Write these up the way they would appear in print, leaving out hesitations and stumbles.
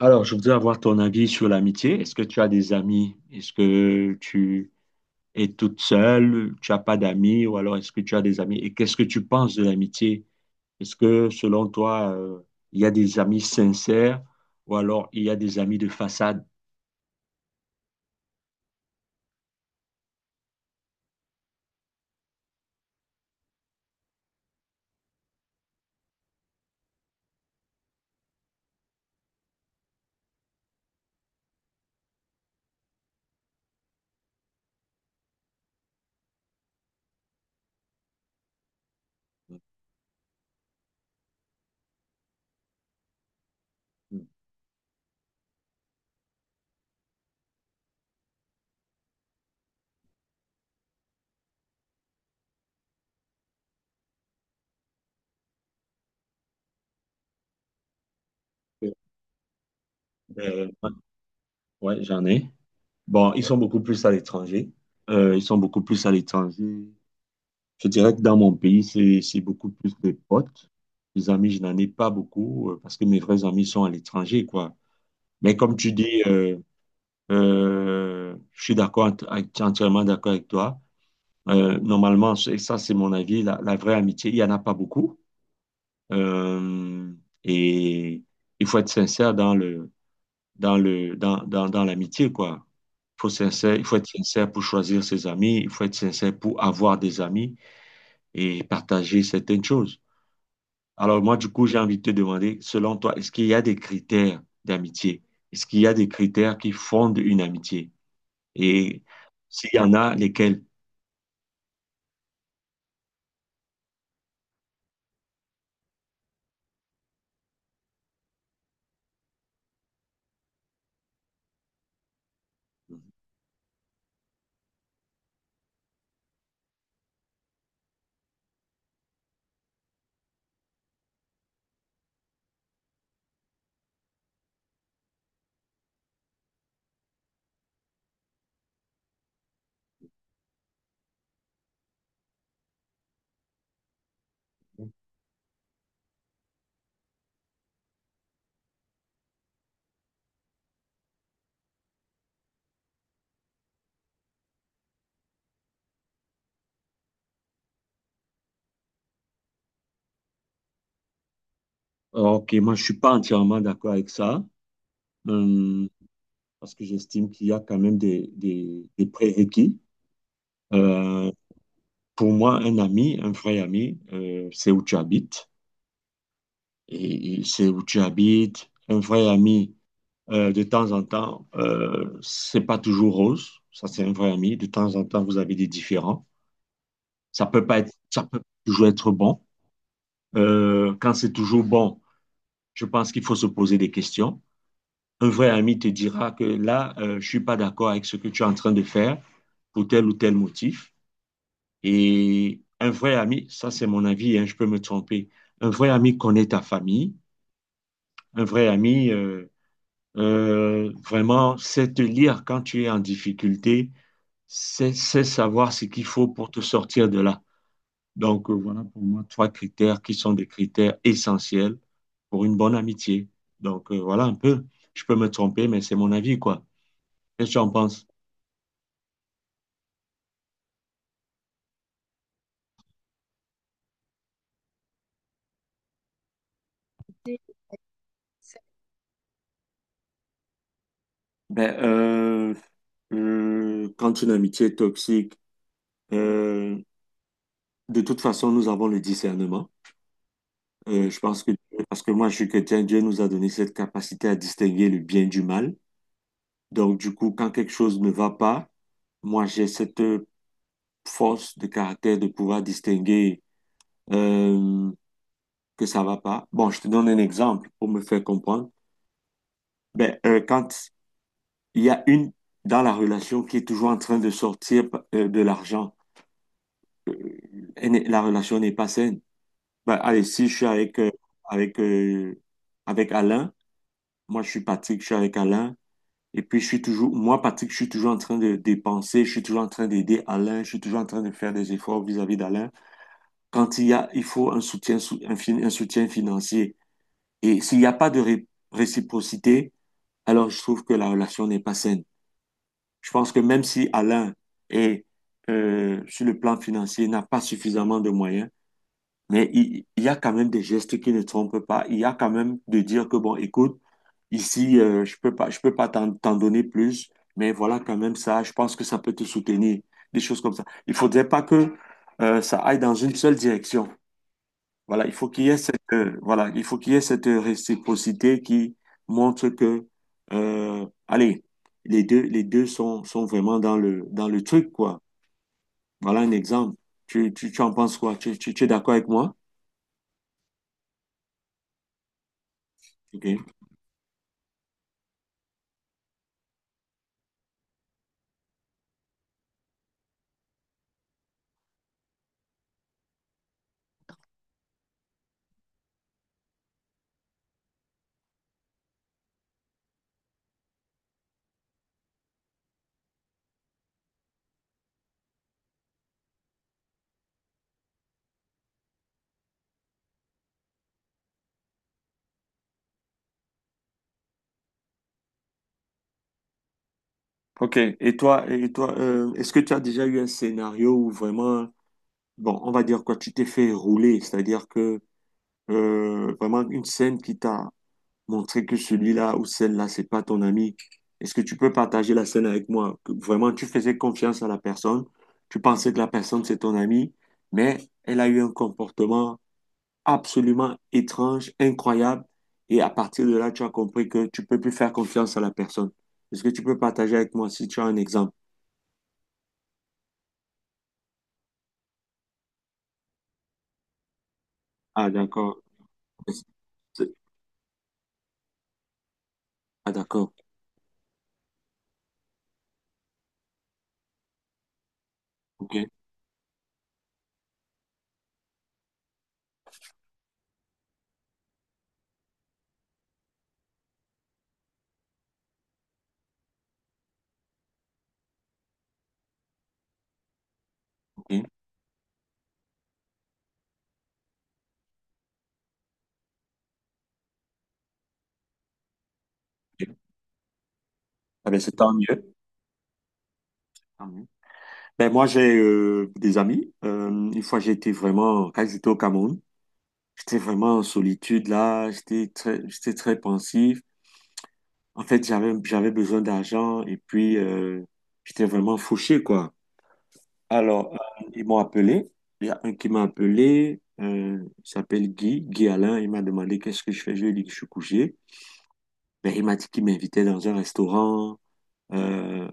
Alors, je voudrais avoir ton avis sur l'amitié. Est-ce que tu as des amis? Est-ce que tu es toute seule? Tu n'as pas d'amis? Ou alors, est-ce que tu as des amis? Et qu'est-ce que tu penses de l'amitié? Est-ce que, selon toi, il y a des amis sincères ou alors il y a des amis de façade? Euh, ouais, j'en ai. Bon, ils sont beaucoup plus à l'étranger. Ils sont beaucoup plus à l'étranger. Je dirais que dans mon pays, c'est beaucoup plus des potes. Des amis, je n'en ai pas beaucoup parce que mes vrais amis sont à l'étranger, quoi. Mais comme tu dis, je suis d'accord, entièrement d'accord avec toi. Normalement, ça c'est mon avis, la vraie amitié, il n'y en a pas beaucoup. Euh, et il faut être sincère dans le, dans le, dans, dans, dans l'amitié, quoi. Il faut être sincère pour choisir ses amis, il faut être sincère pour avoir des amis et partager certaines choses. Alors moi, du coup, j'ai envie de te demander, selon toi, est-ce qu'il y a des critères d'amitié? Est-ce qu'il y a des critères qui fondent une amitié? Et s'il y en a lesquels, ok, moi je suis pas entièrement d'accord avec ça, euh, parce que j'estime qu'il y a quand même des prérequis. Euh, pour moi, un ami, un vrai ami, c'est où tu habites. Et c'est où tu habites. Un vrai ami, de temps en temps, c'est pas toujours rose. Ça, c'est un vrai ami. De temps en temps, vous avez des différends. Ça peut pas être, ça peut toujours être bon. Quand c'est toujours bon, je pense qu'il faut se poser des questions. Un vrai ami te dira que là, je ne suis pas d'accord avec ce que tu es en train de faire pour tel ou tel motif. Et un vrai ami, ça c'est mon avis, hein, je peux me tromper, un vrai ami connaît ta famille, un vrai ami vraiment sait te lire quand tu es en difficulté, sait savoir ce qu'il faut pour te sortir de là. Donc voilà pour moi trois critères qui sont des critères essentiels pour une bonne amitié. Donc voilà un peu, je peux me tromper, mais c'est mon avis, quoi. Qu'est-ce que tu en penses? Ben, euh, Quand une amitié est toxique, euh, de toute façon, nous avons le discernement. Euh, je pense que, Parce que moi, je suis chrétien, Dieu nous a donné cette capacité à distinguer le bien du mal. Donc, du coup, quand quelque chose ne va pas, moi, j'ai cette force de caractère de pouvoir distinguer euh, que ça va pas. Bon, je te donne un exemple pour me faire comprendre. Quand il y a une dans la relation qui est toujours en train de sortir de l'argent, euh, elle n'est- la relation n'est pas saine. Bah, allez, si je suis avec, euh, avec Alain, moi je suis Patrick, je suis avec Alain, et puis je suis toujours, moi Patrick, je suis toujours en train de dépenser, je suis toujours en train d'aider Alain, je suis toujours en train de faire des efforts vis-à-vis d'Alain. Quand il y a, il faut un soutien, un soutien financier, et s'il n'y a pas de réciprocité, alors je trouve que la relation n'est pas saine. Je pense que même si Alain est, sur le plan financier, n'a pas suffisamment de moyens, mais il y a quand même des gestes qui ne trompent pas. Il y a quand même de dire que, bon, écoute, ici, je peux pas t'en donner plus, mais voilà quand même ça, je pense que ça peut te soutenir, des choses comme ça. Il faudrait pas que ça aille dans une seule direction. Voilà, il faut qu'il y ait cette, il faut qu'il y ait cette réciprocité qui montre que, allez, les deux sont vraiment dans le truc, quoi. Voilà un exemple. Tu en penses quoi? Tu es d'accord avec moi? Ok. Ok. Et toi, est-ce que tu as déjà eu un scénario où vraiment, bon, on va dire quoi, tu t'es fait rouler, c'est-à-dire que vraiment une scène qui t'a montré que celui-là ou celle-là, c'est pas ton ami. Est-ce que tu peux partager la scène avec moi? Que vraiment, tu faisais confiance à la personne, tu pensais que la personne c'est ton ami, mais elle a eu un comportement absolument étrange, incroyable, et à partir de là, tu as compris que tu peux plus faire confiance à la personne. Est-ce que tu peux partager avec moi si tu as un exemple? Ah, d'accord. Ah, d'accord. OK. OK. Ok. Ah, ben, c'est tant mieux. Tant mieux. Ben, moi, j'ai des amis. Une fois, j'étais vraiment, quand j'étais au Cameroun, j'étais vraiment en solitude là. J'étais très pensif. En fait, j'avais besoin d'argent et puis j'étais vraiment fauché, quoi. Alors, ils m'ont appelé. Il y a un qui m'a appelé. Il s'appelle Guy. Guy Alain. Il m'a demandé qu'est-ce que je fais. Je lui ai dit que je suis couché. Ben, il m'a dit qu'il m'invitait dans un restaurant, euh,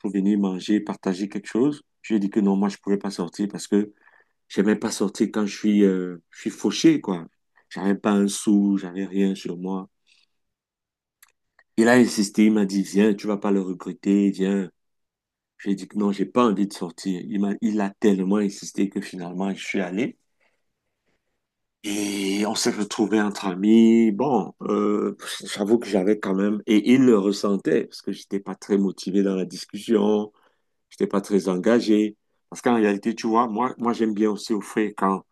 pour venir manger, partager quelque chose. Je lui ai dit que non, moi, je ne pouvais pas sortir parce que j'aimais pas sortir quand je je suis fauché, quoi. J'avais pas un sou, j'avais rien sur moi. Il a insisté, il m'a dit, viens, tu vas pas le regretter, viens. J'ai dit que non, j'ai pas envie de sortir. Il a tellement insisté que finalement, je suis allé. Et on s'est retrouvés entre amis. Bon, j'avoue que j'avais quand même, et il le ressentait, parce que j'étais pas très motivé dans la discussion. J'étais pas très engagé. Parce qu'en réalité, tu vois, moi j'aime bien aussi offrir quand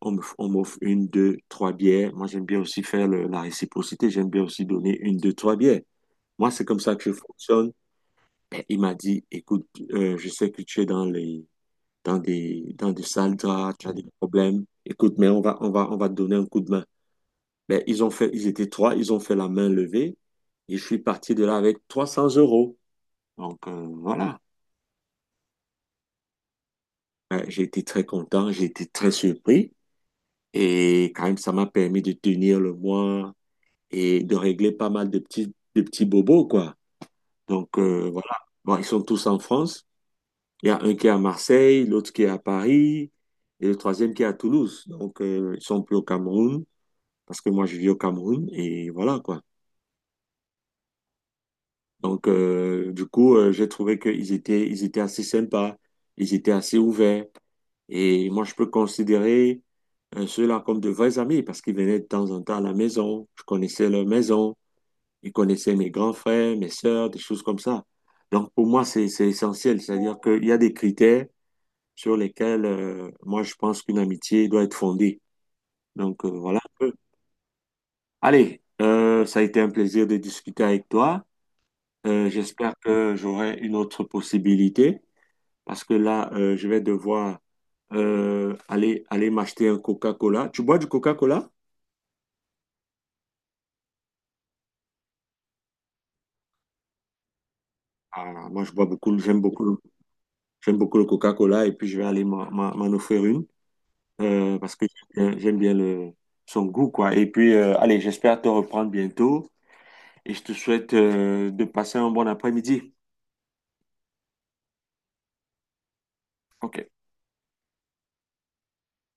on m'offre une, deux, trois bières. Moi, j'aime bien aussi faire la réciprocité. J'aime bien aussi donner une, deux, trois bières. Moi, c'est comme ça que je fonctionne. Mais il m'a dit, écoute, je sais que tu es dans des sales draps, tu as des problèmes. Écoute, mais on va te donner un coup de main. Ben, ils ont fait, ils étaient trois, ils ont fait la main levée et je suis parti de là avec 300 euros. Donc, voilà. J'ai été très content, j'ai été très surpris. Et quand même, ça m'a permis de tenir le mois et de régler pas mal de petits bobos, quoi. Donc, voilà. Bon, ils sont tous en France. Il y a un qui est à Marseille, l'autre qui est à Paris et le troisième qui est à Toulouse. Donc, ils sont plus au Cameroun parce que moi, je vis au Cameroun et voilà, quoi. Donc, j'ai trouvé ils étaient assez sympas, ils étaient assez ouverts. Et moi, je peux considérer ceux-là comme de vrais amis parce qu'ils venaient de temps en temps à la maison. Je connaissais leur maison. Il connaissait mes grands frères, mes sœurs, des choses comme ça. Donc, pour moi, c'est essentiel. C'est-à-dire qu'il y a des critères sur lesquels, moi, je pense qu'une amitié doit être fondée. Donc, voilà un peu. Allez, ça a été un plaisir de discuter avec toi. J'espère que j'aurai une autre possibilité parce que là, je vais devoir aller m'acheter un Coca-Cola. Tu bois du Coca-Cola? Ah, moi, je bois beaucoup, j'aime beaucoup, j'aime beaucoup le Coca-Cola et puis je vais aller m'en offrir une, parce que j'aime bien son goût, quoi. Et puis, allez, j'espère te reprendre bientôt et je te souhaite de passer un bon après-midi. OK.